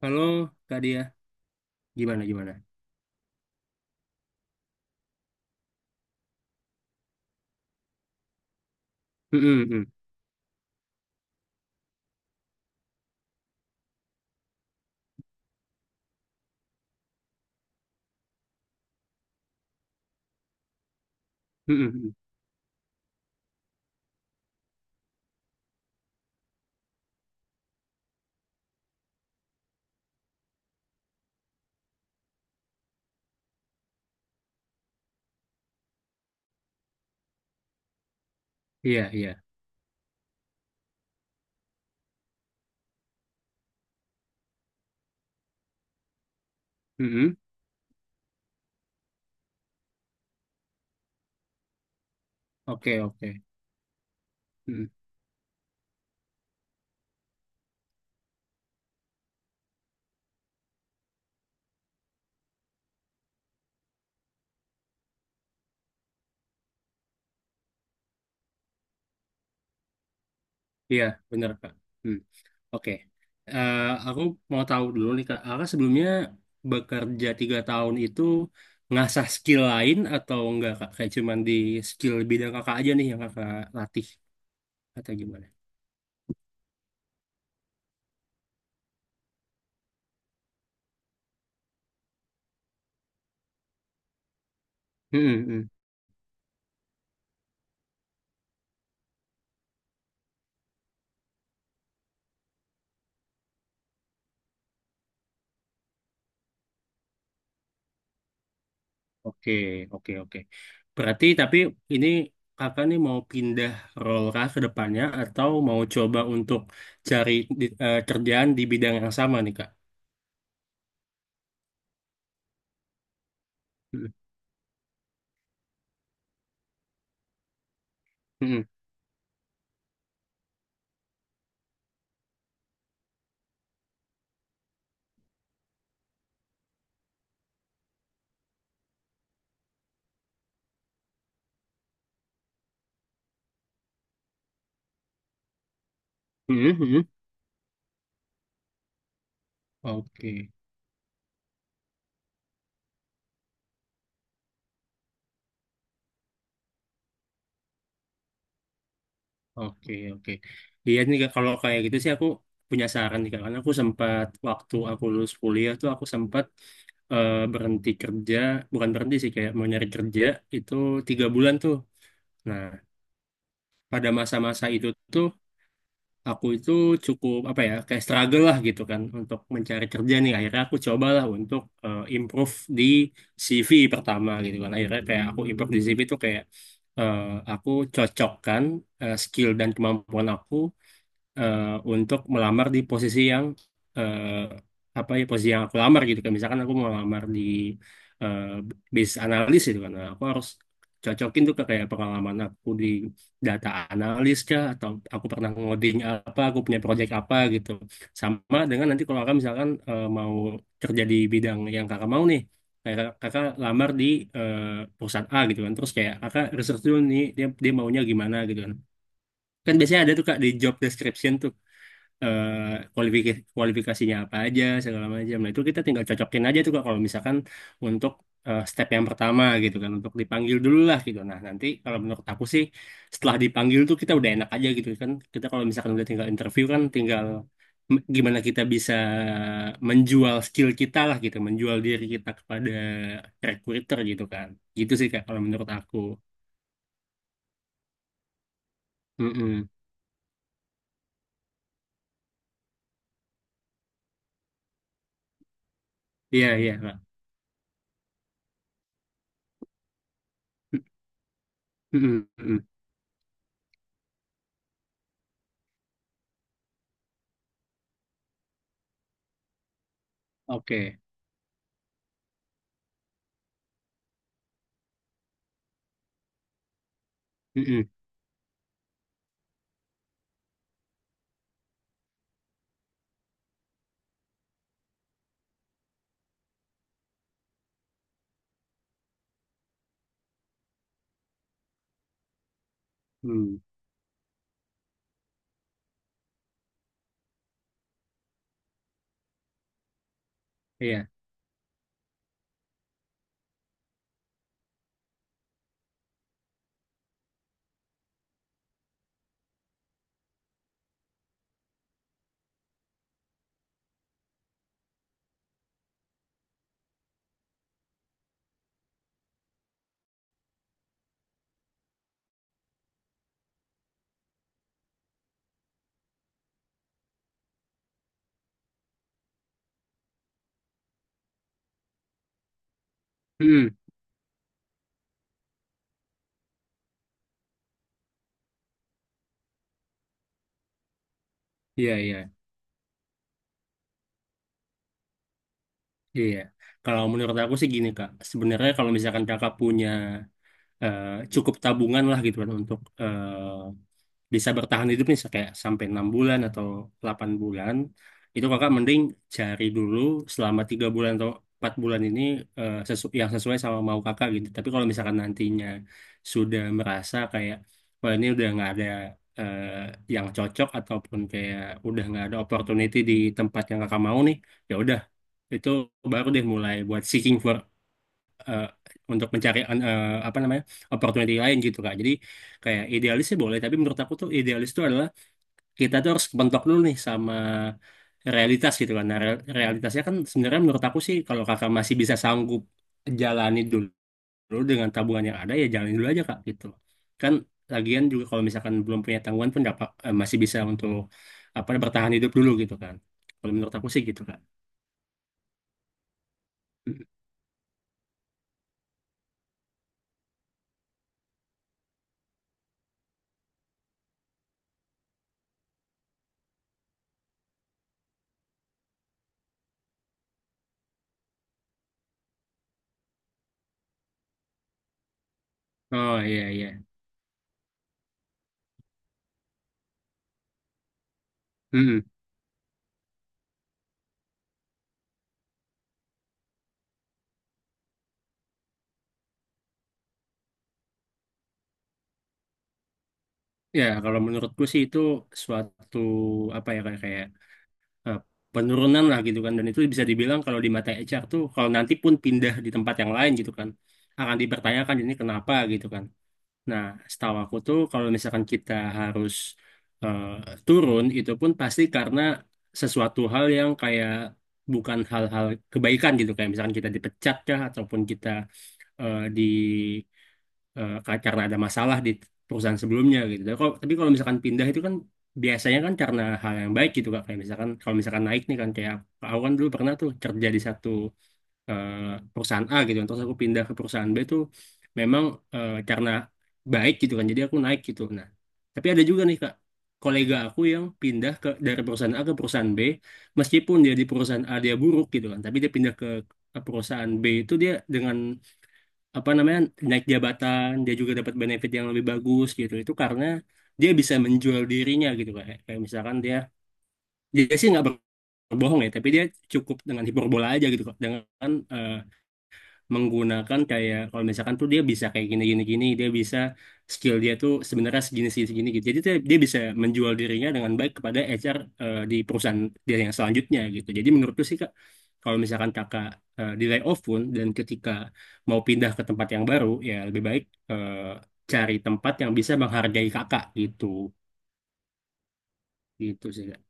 Halo, Kak Dia. Gimana, gimana? Mm-mm, mm. Mm-mm, mm. Iya, iya. Mm-mm. Oke, oke. Mm-mm. Iya, benar, Kak. Mm. Oke. Eh, aku mau tahu dulu nih, Kak. Kakak sebelumnya bekerja 3 tahun itu ngasah skill lain atau enggak, Kak? Kayak cuman di skill bidang kakak aja nih yang kakak latih atau gimana? Oke, oke, oke. Berarti tapi ini kakak nih mau pindah role kah ke depannya atau mau coba untuk cari kerjaan di bidang yang sama nih, kak? Mm-mm. Mm-mm. Oke, oke, oke. Iya nih, Kak, kalau kayak gitu sih aku punya saran nih, kak. Karena aku sempat waktu aku lulus kuliah tuh aku sempat berhenti kerja, bukan berhenti sih kayak mau nyari kerja itu 3 bulan tuh. Nah, pada masa-masa itu tuh aku itu cukup apa ya kayak struggle lah gitu kan untuk mencari kerja nih, akhirnya aku cobalah untuk improve di CV pertama gitu kan, akhirnya kayak aku improve di CV itu kayak eh, aku cocokkan skill dan kemampuan aku eh, untuk melamar di posisi yang eh, apa ya, posisi yang aku lamar gitu kan, misalkan aku mau lamar di eh, bisnis analis gitu kan. Nah, aku harus cocokin tuh ke kayak pengalaman aku di data analis kah, atau aku pernah ngoding, apa aku punya project apa gitu, sama dengan nanti kalau kakak misalkan mau kerja di bidang yang kakak mau nih, kayak kakak kakak lamar di eh, perusahaan A gitu kan, terus kayak kakak research dulu nih, dia dia maunya gimana gitu kan. Kan biasanya ada tuh, kak, di job description tuh, eh kualifikasinya apa aja segala macam. Nah itu kita tinggal cocokin aja tuh, Kak, kalau misalkan untuk step yang pertama gitu kan, untuk dipanggil dulu lah gitu. Nah nanti kalau menurut aku sih, setelah dipanggil tuh kita udah enak aja gitu kan. Kita kalau misalkan udah tinggal interview kan tinggal gimana kita bisa menjual skill kita lah gitu, menjual diri kita kepada recruiter gitu kan. Gitu sih, Kak, kalau menurut aku. Mm-mm. Iya iya, Kak. Mm-mm. Mm-mm. Oke. Mm-mm. Mm. Iya. Mm-mm. Iya, iya, iya. Kalau menurut aku sih gini, Kak. Sebenarnya kalau misalkan kakak punya, eh, cukup tabungan lah gitu kan, untuk bisa bertahan hidup nih kayak sampai 6 bulan atau 8 bulan, itu kakak mending cari dulu selama 3 bulan atau 4 bulan ini yang sesuai sama mau kakak gitu, tapi kalau misalkan nantinya sudah merasa kayak wah ini udah nggak ada eh, yang cocok, ataupun kayak udah nggak ada opportunity di tempat yang kakak mau nih, ya udah, itu baru deh mulai buat seeking for eh, untuk mencari apa namanya, opportunity lain gitu, kak. Jadi kayak idealis sih boleh, tapi menurut aku tuh idealis itu adalah kita tuh harus bentok dulu nih sama realitas gitu kan. Nah, realitasnya kan sebenarnya menurut aku sih, kalau kakak masih bisa sanggup jalani dulu, dengan tabungan yang ada, ya jalani dulu aja, kak, gitu. Kan lagian juga kalau misalkan belum punya tanggungan pun dapat, masih bisa untuk apa bertahan hidup dulu gitu kan. Kalau menurut aku sih gitu, kak. Mm. Oh iya iya. Ya, kalau menurutku sih itu suatu apa ya, kayak kayak eh, penurunan lah gitu kan, dan itu bisa dibilang kalau di mata HR tuh, kalau nanti pun pindah di tempat yang lain gitu kan, akan dipertanyakan ini kenapa gitu kan. Nah, setahu aku tuh kalau misalkan kita harus eh, turun itu pun pasti karena sesuatu hal yang kayak bukan hal-hal kebaikan gitu, kayak misalkan kita dipecat kah, ataupun kita eh, di karena ada masalah di perusahaan sebelumnya gitu. Tapi kalau misalkan pindah itu kan biasanya kan karena hal yang baik gitu, Kak. Kayak misalkan kalau misalkan naik nih kan, kayak aku kan dulu pernah tuh kerja di satu eh, perusahaan A gitu. Kan, terus aku pindah ke perusahaan B tuh memang karena baik gitu kan. Jadi aku naik gitu. Nah, tapi ada juga nih, Kak, kolega aku yang pindah dari perusahaan A ke perusahaan B, meskipun dia di perusahaan A dia buruk gitu kan, tapi dia pindah ke perusahaan B itu dia dengan apa namanya, naik jabatan, dia juga dapat benefit yang lebih bagus gitu, itu karena dia bisa menjual dirinya gitu, kayak kayak misalkan dia dia sih nggak berbohong ya, tapi dia cukup dengan hiperbola aja gitu kok, dengan eh, menggunakan kayak kalau misalkan tuh dia bisa kayak gini gini gini, dia bisa skill dia tuh sebenarnya segini segini segini gitu, jadi dia bisa menjual dirinya dengan baik kepada HR di perusahaan dia yang selanjutnya gitu. Jadi menurutku sih, kak, kalau misalkan kakak di layoff pun, dan ketika mau pindah ke tempat yang baru, ya lebih baik eh, cari tempat yang bisa menghargai kakak gitu. Gitu sih, kak.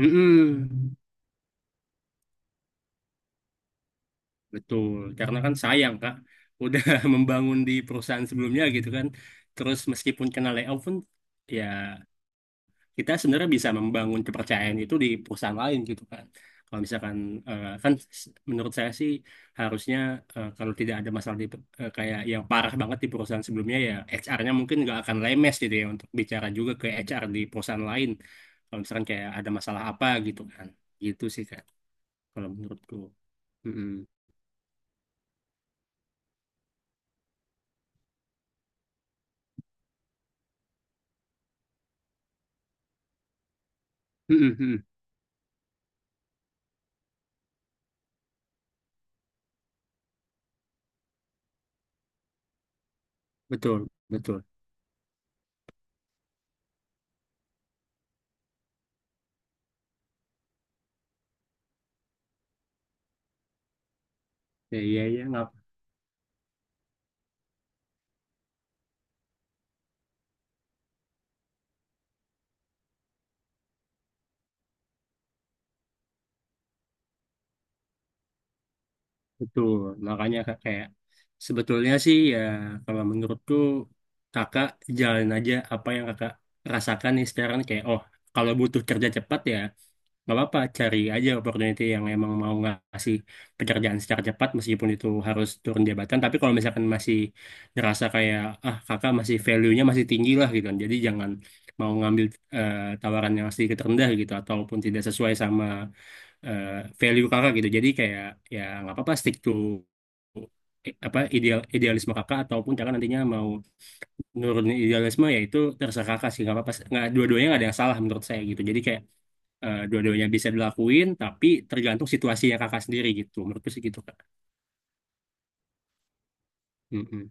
Mm-mm. Betul, karena kan sayang, Kak, udah membangun di perusahaan sebelumnya gitu kan. Terus meskipun kena layoff pun, ya kita sebenarnya bisa membangun kepercayaan itu di perusahaan lain gitu kan. Kalau misalkan eh, kan menurut saya sih, harusnya kalau tidak ada masalah di kayak yang parah banget di perusahaan sebelumnya, ya HR-nya mungkin nggak akan lemes gitu ya untuk bicara juga ke HR di perusahaan lain. Kalau misalkan kayak ada masalah apa gitu kan. Gitu sih, Kak, kalau menurutku. Mm-mm. Betul, betul. Ya, iya, iya, nggak betul. Makanya, Kak, kayak sebetulnya sih ya, kalau menurutku, kakak jalan aja apa yang kakak rasakan nih sekarang, kayak oh, kalau butuh kerja cepat ya nggak apa-apa, cari aja opportunity yang emang mau ngasih pekerjaan secara cepat, meskipun itu harus turun jabatan. Tapi kalau misalkan masih ngerasa kayak ah, kakak masih value-nya masih tinggi lah gitu kan. Jadi jangan mau ngambil eh, tawaran yang sedikit rendah gitu, ataupun tidak sesuai sama eh, value kakak gitu. Jadi kayak ya nggak apa-apa stick to apa idealisme kakak, ataupun kakak nantinya mau nurunin idealisme, ya itu terserah kakak sih, nggak apa-apa, nggak dua-duanya nggak ada yang salah menurut saya gitu. Jadi kayak dua-duanya bisa dilakuin, tapi tergantung situasinya kakak sendiri gitu. Menurutku sih gitu, kak. Mm-mm.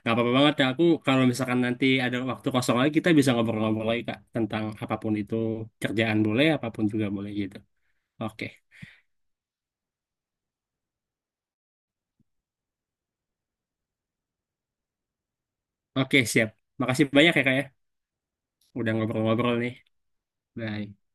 Nggak apa-apa banget ya, aku kalau misalkan nanti ada waktu kosong lagi, kita bisa ngobrol-ngobrol lagi, kak, tentang apapun itu, kerjaan boleh, apapun juga boleh gitu. Oke, oke, siap. Makasih banyak ya, kak, ya, udah ngobrol-ngobrol nih. Baik.